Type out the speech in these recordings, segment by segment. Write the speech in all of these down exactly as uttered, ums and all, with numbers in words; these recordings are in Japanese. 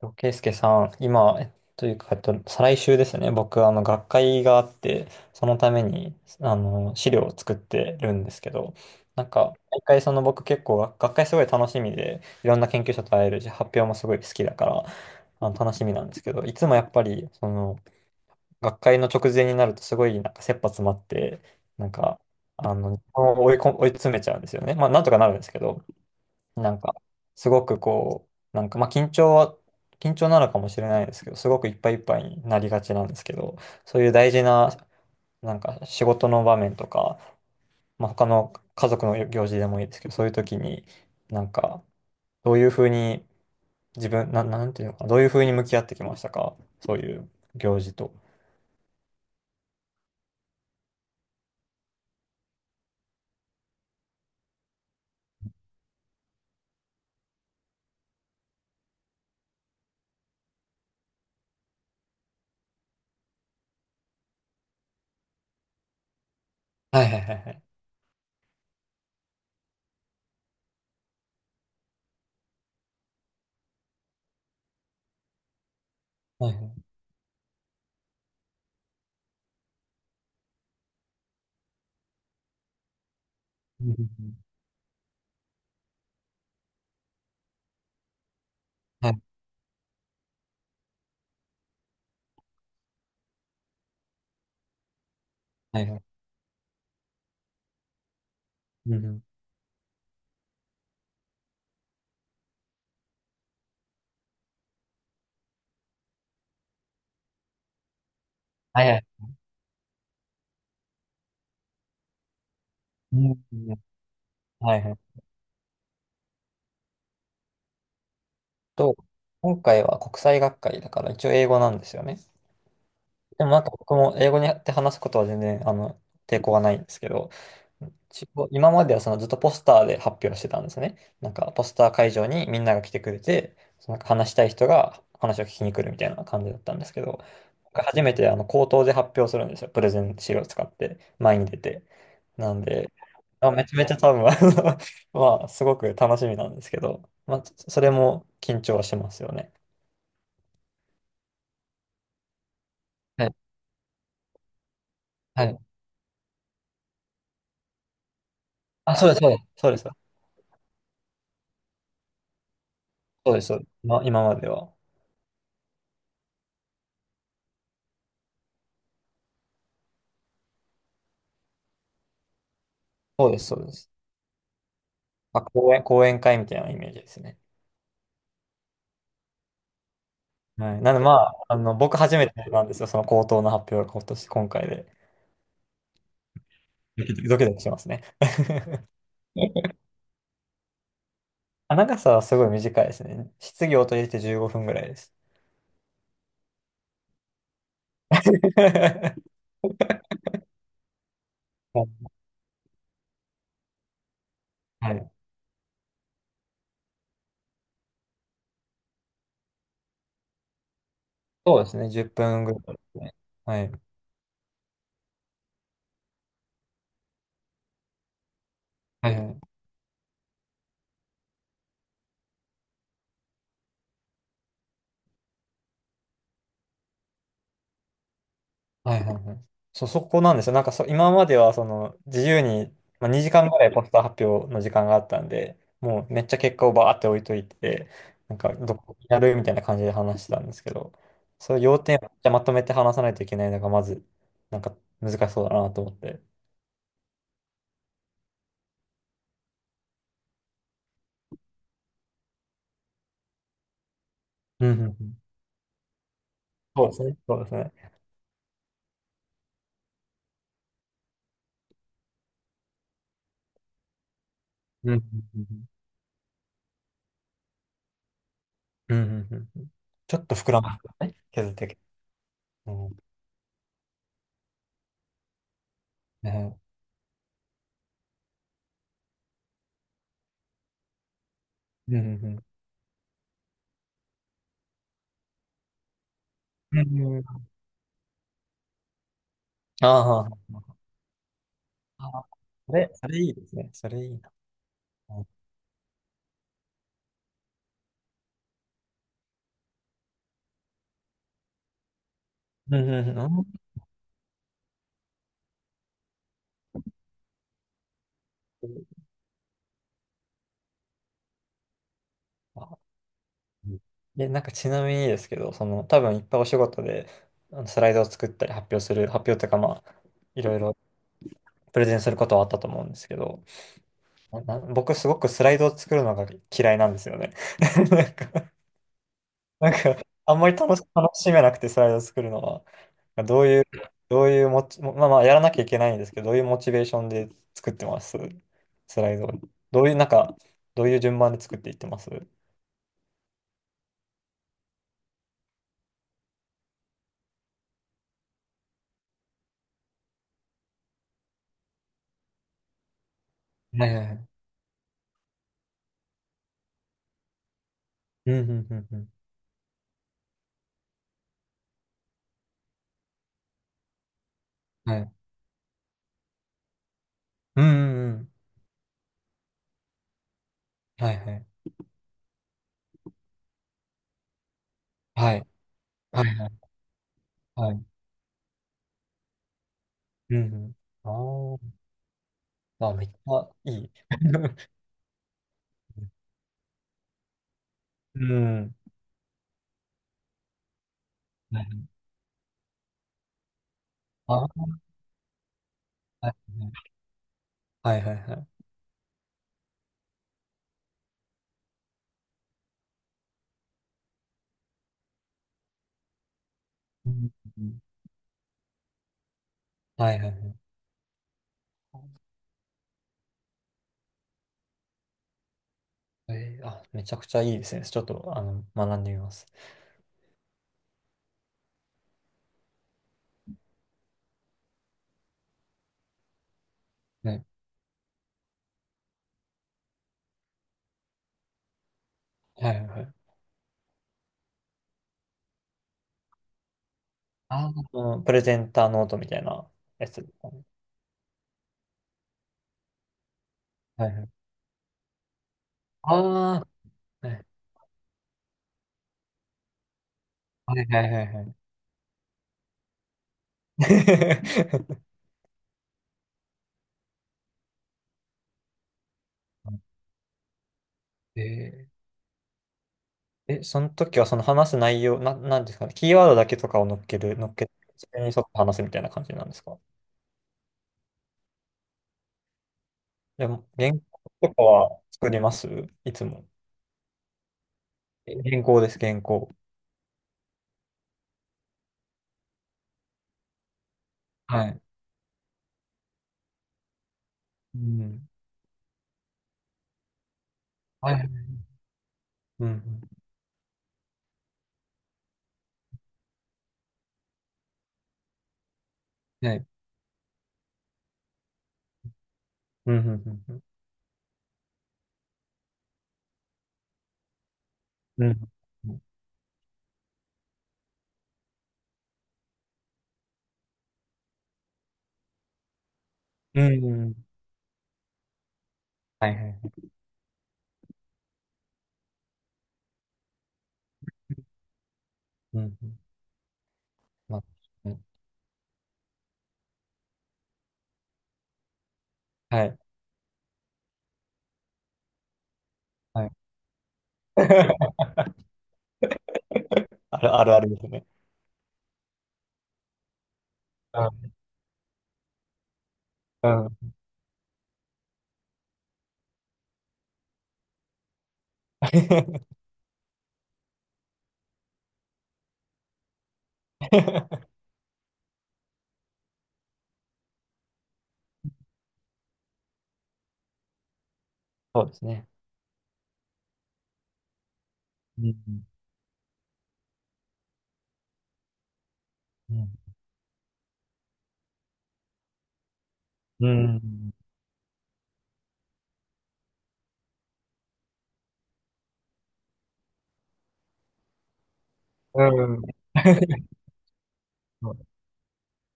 とケイスケさん、今、というか、えっと、再来週ですね。僕、あの、学会があって、そのために、あの、資料を作ってるんですけど、なんか、毎回、その僕結構、学学会すごい楽しみで、いろんな研究者と会えるし、発表もすごい好きだから、あの、楽しみなんですけど、いつもやっぱり、その、学会の直前になると、すごい、なんか、切羽詰まって、なんか、あの、追い込追い詰めちゃうんですよね。まあ、なんとかなるんですけど、なんか、すごくこう、なんか、まあ、緊張は、緊張なのかもしれないですけど、すごくいっぱいいっぱいになりがちなんですけど、そういう大事な、なんか、仕事の場面とか、まあ、他の家族の行事でもいいですけど、そういう時に、なんか、どういうふうに、自分、な、なんていうのかな、どういうふうに向き合ってきましたか、そういう行事と。はいはいはいはい。はいはい。うんうんうん。はいはいはい。うんうん。はいはい。うんうん。はいはい。と、今回は国際学会だから一応英語なんですよね。でもなんか僕も英語にやって話すことは全然、あの抵抗はないんですけど、一応今まではそのずっとポスターで発表してたんですね。なんかポスター会場にみんなが来てくれて、その話したい人が話を聞きに来るみたいな感じだったんですけど、初めてあの口頭で発表するんですよ。プレゼン資料を使って前に出て。なんで、まあ、めちゃめちゃ多分、あのまあ、すごく楽しみなんですけど、まあ、それも緊張はしますよね。はい。はい。あ、そうです、そうです。そうです。そうです。まあ、今までは。そうです、そうです。まあ、講演、講演会みたいなイメージですね。はい。なので、まあ、あの、僕初めてなんですよ、その口頭の発表が今年、今回で。ドキドキドキドキしますね。あ、長さはすごい短いですね。質疑応答入れてじゅうごふんぐらいです。はい。そうですね、じゅっぷんぐらいですね。はい。はいはいはいはいはい。そう、そこなんですよ。なんかそ、今まではその自由に、まあ、にじかんぐらいポスター発表の時間があったんで、もうめっちゃ結果をバーって置いといて、なんかどこにやるみたいな感じで話してたんですけど、そういう要点をめっちゃまとめて話さないといけないのがまず、なんか難しそうだなと思って。うんうんうん。そうですね。そうですね。うんうんうんうん。うんうんうん。ちょっと膨らますよね。削っていけ。うん。ね。うんうんうん。うんうん。ああ。ああ。それ、それいいですね。それいいな。うんうんうん、あーあ、うん。で、なんかちなみにですけど、その、多分いっぱいお仕事で、あのスライドを作ったり発表する、発表というかまあ、いろいろプレゼンすることはあったと思うんですけど、な、な僕すごくスライドを作るのが嫌いなんですよね。なんか、なんかあんまり楽し、楽しめなくてスライドを作るのは、どういう、どういうモチ、まあまあ、やらなきゃいけないんですけど、どういうモチベーションで作ってますスライドを。どういう、なんか、どういう順番で作っていってますはいはいはい。うんうんうんうん。はい。うんうんうん。はいはい。はい。はいはいはい。うんうん。あーあ、めっちゃいい。うん。はい、あ、はいはいはい。はいはいはい。うんうん。はいはいはいはいはいはい。うんうん。あーあ、めっちゃいい。うん。あ、はいはいはいはい。うんうん。はいはいはい。えーあ、めちゃくちゃいいですね。ちょっと、あの、学んでみます。ね。はいはいはい。あー、あの、プレゼンターノートみたいなやつですかね。はいはい。ああ、はいはいはいはいはい。えー、え、その時はその話す内容、な、なんですかね、キーワードだけとかを乗っける、乗っけて、それに沿って話すみたいな感じなんですか。でも、原稿とかは作りますいつも。え、原稿です、原稿。はい。うん。はい。うん。はい。うん。うん。うん。うん。うんうん。はいはい。うん。まあ、うん。はい。はい。あるあるあるですね。うん。うん。そうですね。うん。うん。うん。うん。うん。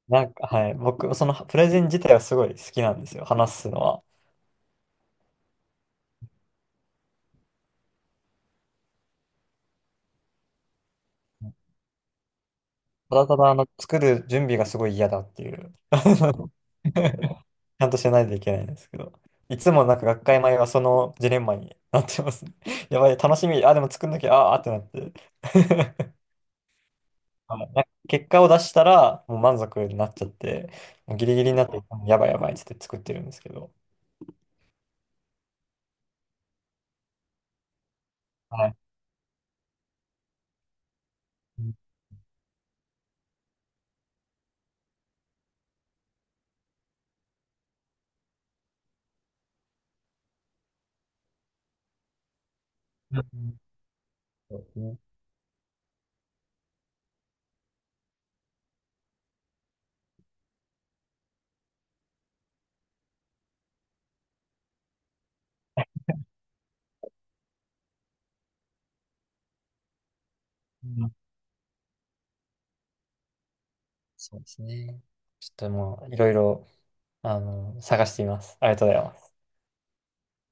なんか、はい。僕、そのプレゼン自体はすごい好きなんですよ。話すのは。ただただ、あの、作る準備がすごい嫌だっていう。ちゃんとしないといけないんですけど。いつもなんか学会前はそのジレンマになってますね。やばい、楽しみ。あ、でも作んなきゃ、ああーってなって。はい、なんか結果を出したら、もう満足になっちゃって、もうギリギリになって、やばいやばいって言って作ってるんですけど。はい。うんうん。そうですね。うん。そうですね。ちょっともう、いろいろ、あの、探しています。ありがとうございます。